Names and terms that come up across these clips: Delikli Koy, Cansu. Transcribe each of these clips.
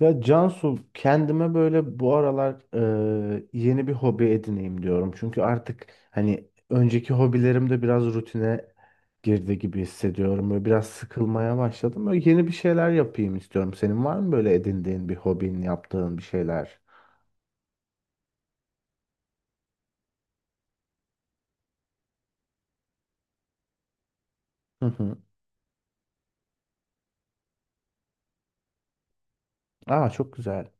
Ya Cansu, kendime böyle bu aralar yeni bir hobi edineyim diyorum. Çünkü artık hani önceki hobilerim de biraz rutine girdi gibi hissediyorum. Böyle biraz sıkılmaya başladım. Böyle yeni bir şeyler yapayım istiyorum. Senin var mı böyle edindiğin bir hobin, yaptığın bir şeyler? Hı hı. Aa çok güzel.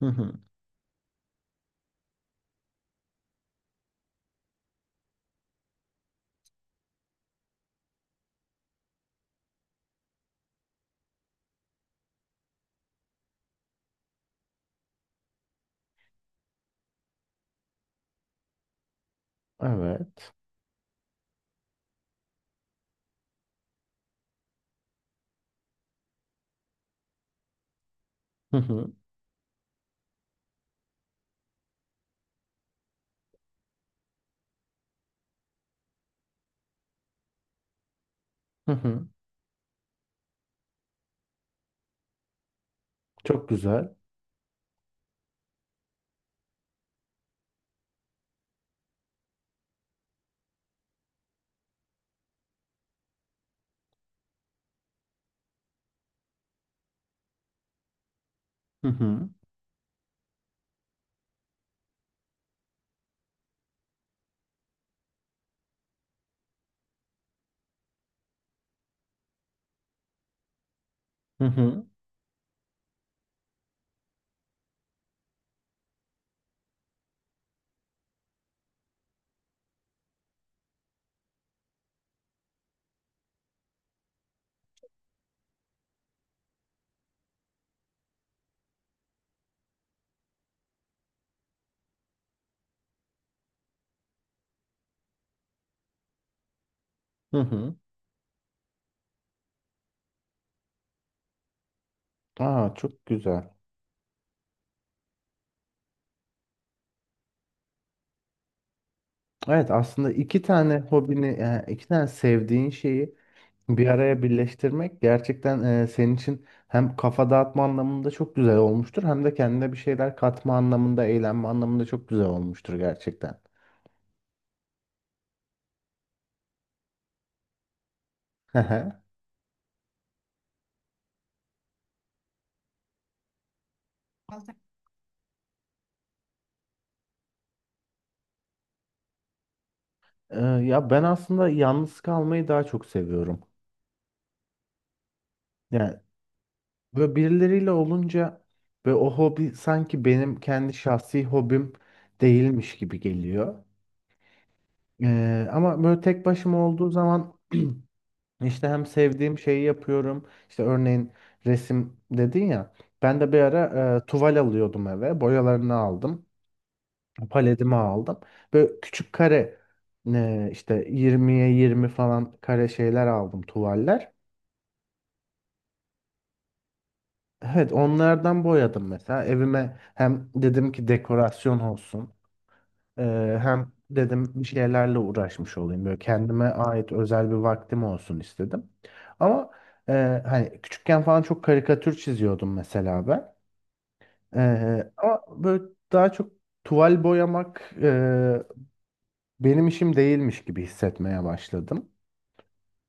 Hı hı. Evet. Hı hı. Hı hı. Çok güzel. Hı hı. Hı hı. Hı hı. Aa çok güzel. Evet, aslında iki tane hobini, yani iki tane sevdiğin şeyi bir araya birleştirmek gerçekten senin için hem kafa dağıtma anlamında çok güzel olmuştur, hem de kendine bir şeyler katma anlamında, eğlenme anlamında çok güzel olmuştur gerçekten. E, Ya ben aslında yalnız kalmayı daha çok seviyorum. Yani böyle birileriyle olunca ve o hobi sanki benim kendi şahsi hobim değilmiş gibi geliyor. Ama böyle tek başıma olduğu zaman İşte hem sevdiğim şeyi yapıyorum. İşte örneğin resim dedin ya. Ben de bir ara tuval alıyordum eve. Boyalarını aldım. Paletimi aldım. Böyle küçük kare, işte 20'ye 20 falan kare şeyler aldım, tuvaller. Evet, onlardan boyadım mesela. Evime hem dedim ki dekorasyon olsun. Hem dedim bir şeylerle uğraşmış olayım. Böyle kendime ait özel bir vaktim olsun istedim. Ama e, hani küçükken falan çok karikatür çiziyordum mesela ben. Ama böyle daha çok tuval boyamak benim işim değilmiş gibi hissetmeye başladım.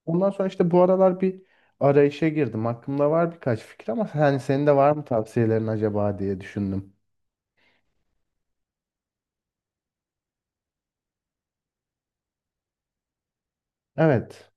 Ondan sonra işte bu aralar bir arayışa girdim. Aklımda var birkaç fikir ama hani senin de var mı tavsiyelerin acaba diye düşündüm. Evet.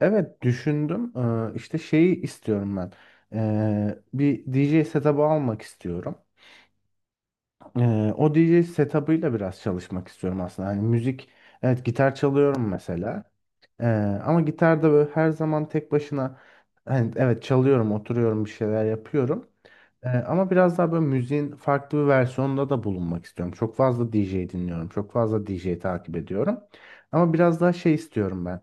Evet, düşündüm. İşte şeyi istiyorum ben. Bir DJ setup'ı almak istiyorum. O DJ setup'ıyla biraz çalışmak istiyorum aslında. Hani müzik, evet, gitar çalıyorum mesela. Ee, Ama gitarda böyle her zaman tek başına, hani evet, çalıyorum, oturuyorum, bir şeyler yapıyorum. Ama biraz daha böyle müziğin farklı bir versiyonunda da bulunmak istiyorum. Çok fazla DJ dinliyorum. Çok fazla DJ takip ediyorum. Ama biraz daha şey istiyorum ben.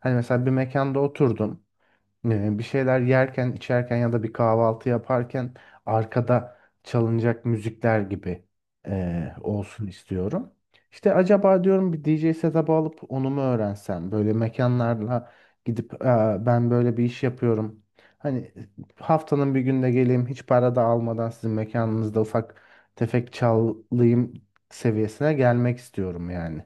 Hani mesela bir mekanda oturdum, bir şeyler yerken, içerken ya da bir kahvaltı yaparken arkada çalınacak müzikler gibi olsun istiyorum. İşte acaba diyorum, bir D J setup'ı alıp onu mu öğrensem? Böyle mekanlarla gidip, "Aa, ben böyle bir iş yapıyorum. Hani haftanın bir günde geleyim, hiç para da almadan sizin mekanınızda ufak tefek çalayım" seviyesine gelmek istiyorum yani.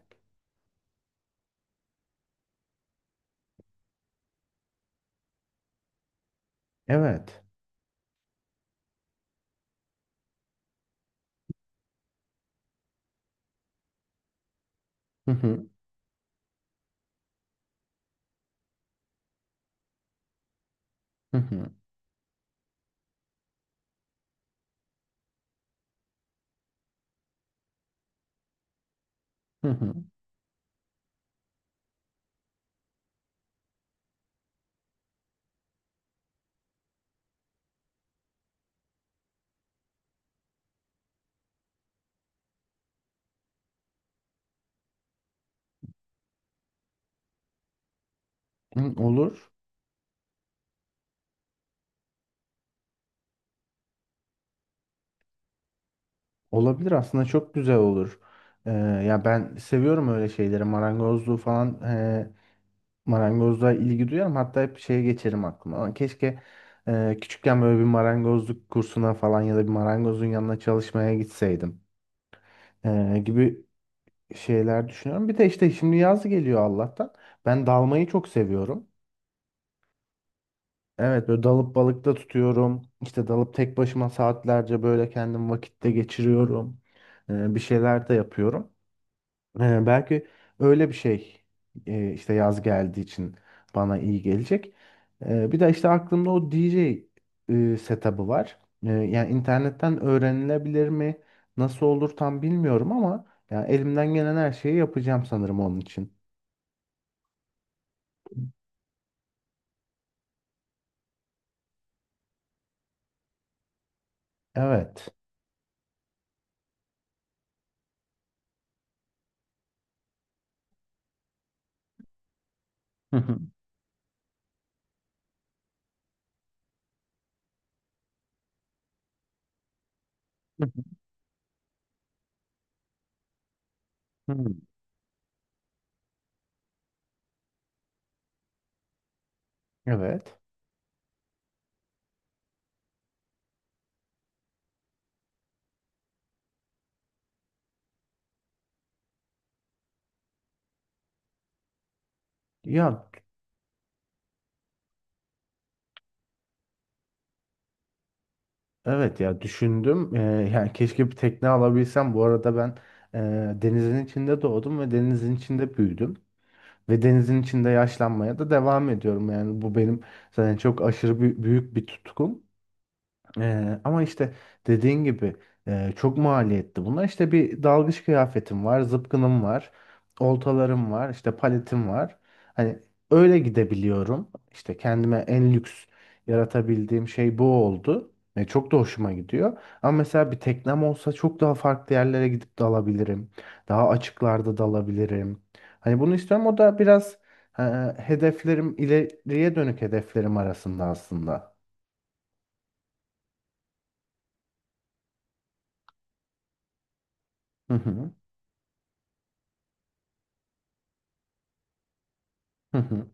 Evet. Hı hı. Hı hı. Hı hı. Hı, olur. Olabilir, aslında çok güzel olur. Ya ben seviyorum öyle şeyleri. Marangozluğu falan, marangozluğa ilgi duyarım. Hatta hep şeye geçerim aklıma. Lan, keşke küçükken böyle bir marangozluk kursuna falan ya da bir marangozun yanına çalışmaya gitseydim gibi şeyler düşünüyorum. Bir de işte şimdi yaz geliyor Allah'tan. Ben dalmayı çok seviyorum. Evet, böyle dalıp balıkta tutuyorum. İşte dalıp tek başıma saatlerce böyle kendim vakitte geçiriyorum. E, bir şeyler de yapıyorum. Belki öyle bir şey, işte yaz geldiği için bana iyi gelecek. Bir de işte aklımda o DJ setup'ı var. Yani internetten öğrenilebilir mi? Nasıl olur tam bilmiyorum ama yani elimden gelen her şeyi yapacağım sanırım onun için. Evet. Hı hı, hı hı, hı. Evet. Ya evet, ya düşündüm. Yani keşke bir tekne alabilsem. Bu arada ben denizin içinde doğdum ve denizin içinde büyüdüm. Ve denizin içinde yaşlanmaya da devam ediyorum. Yani bu benim zaten çok aşırı büyük bir tutkum. Ama işte dediğin gibi çok maliyetli bunlar. İşte bir dalgıç kıyafetim var, zıpkınım var, oltalarım var, işte paletim var. Hani öyle gidebiliyorum. İşte kendime en lüks yaratabildiğim şey bu oldu. Ve çok da hoşuma gidiyor. Ama mesela bir teknem olsa çok daha farklı yerlere gidip dalabilirim. Daha açıklarda dalabilirim. Hani bunu istiyorum. O da biraz e, hedeflerim, ileriye dönük hedeflerim arasında aslında. Hı hı. Hı hı.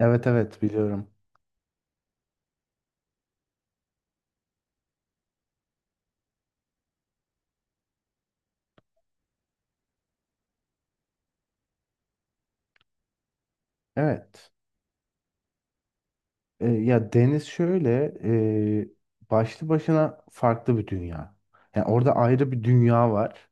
Evet, evet biliyorum. Evet. E, ya deniz şöyle başlı başına farklı bir dünya. Yani orada ayrı bir dünya var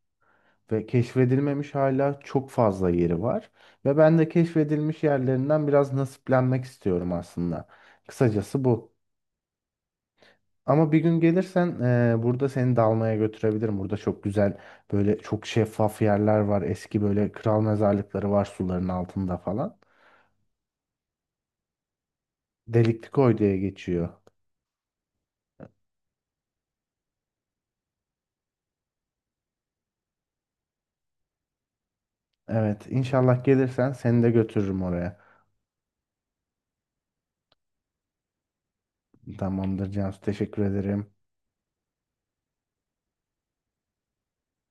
ve keşfedilmemiş hala çok fazla yeri var ve ben de keşfedilmiş yerlerinden biraz nasiplenmek istiyorum aslında. Kısacası bu. Ama bir gün gelirsen burada seni dalmaya götürebilirim. Burada çok güzel böyle çok şeffaf yerler var. Eski böyle kral mezarlıkları var suların altında falan. Delikli Koy diye geçiyor. Evet, inşallah gelirsen seni de götürürüm oraya. Tamamdır Cansu, teşekkür ederim.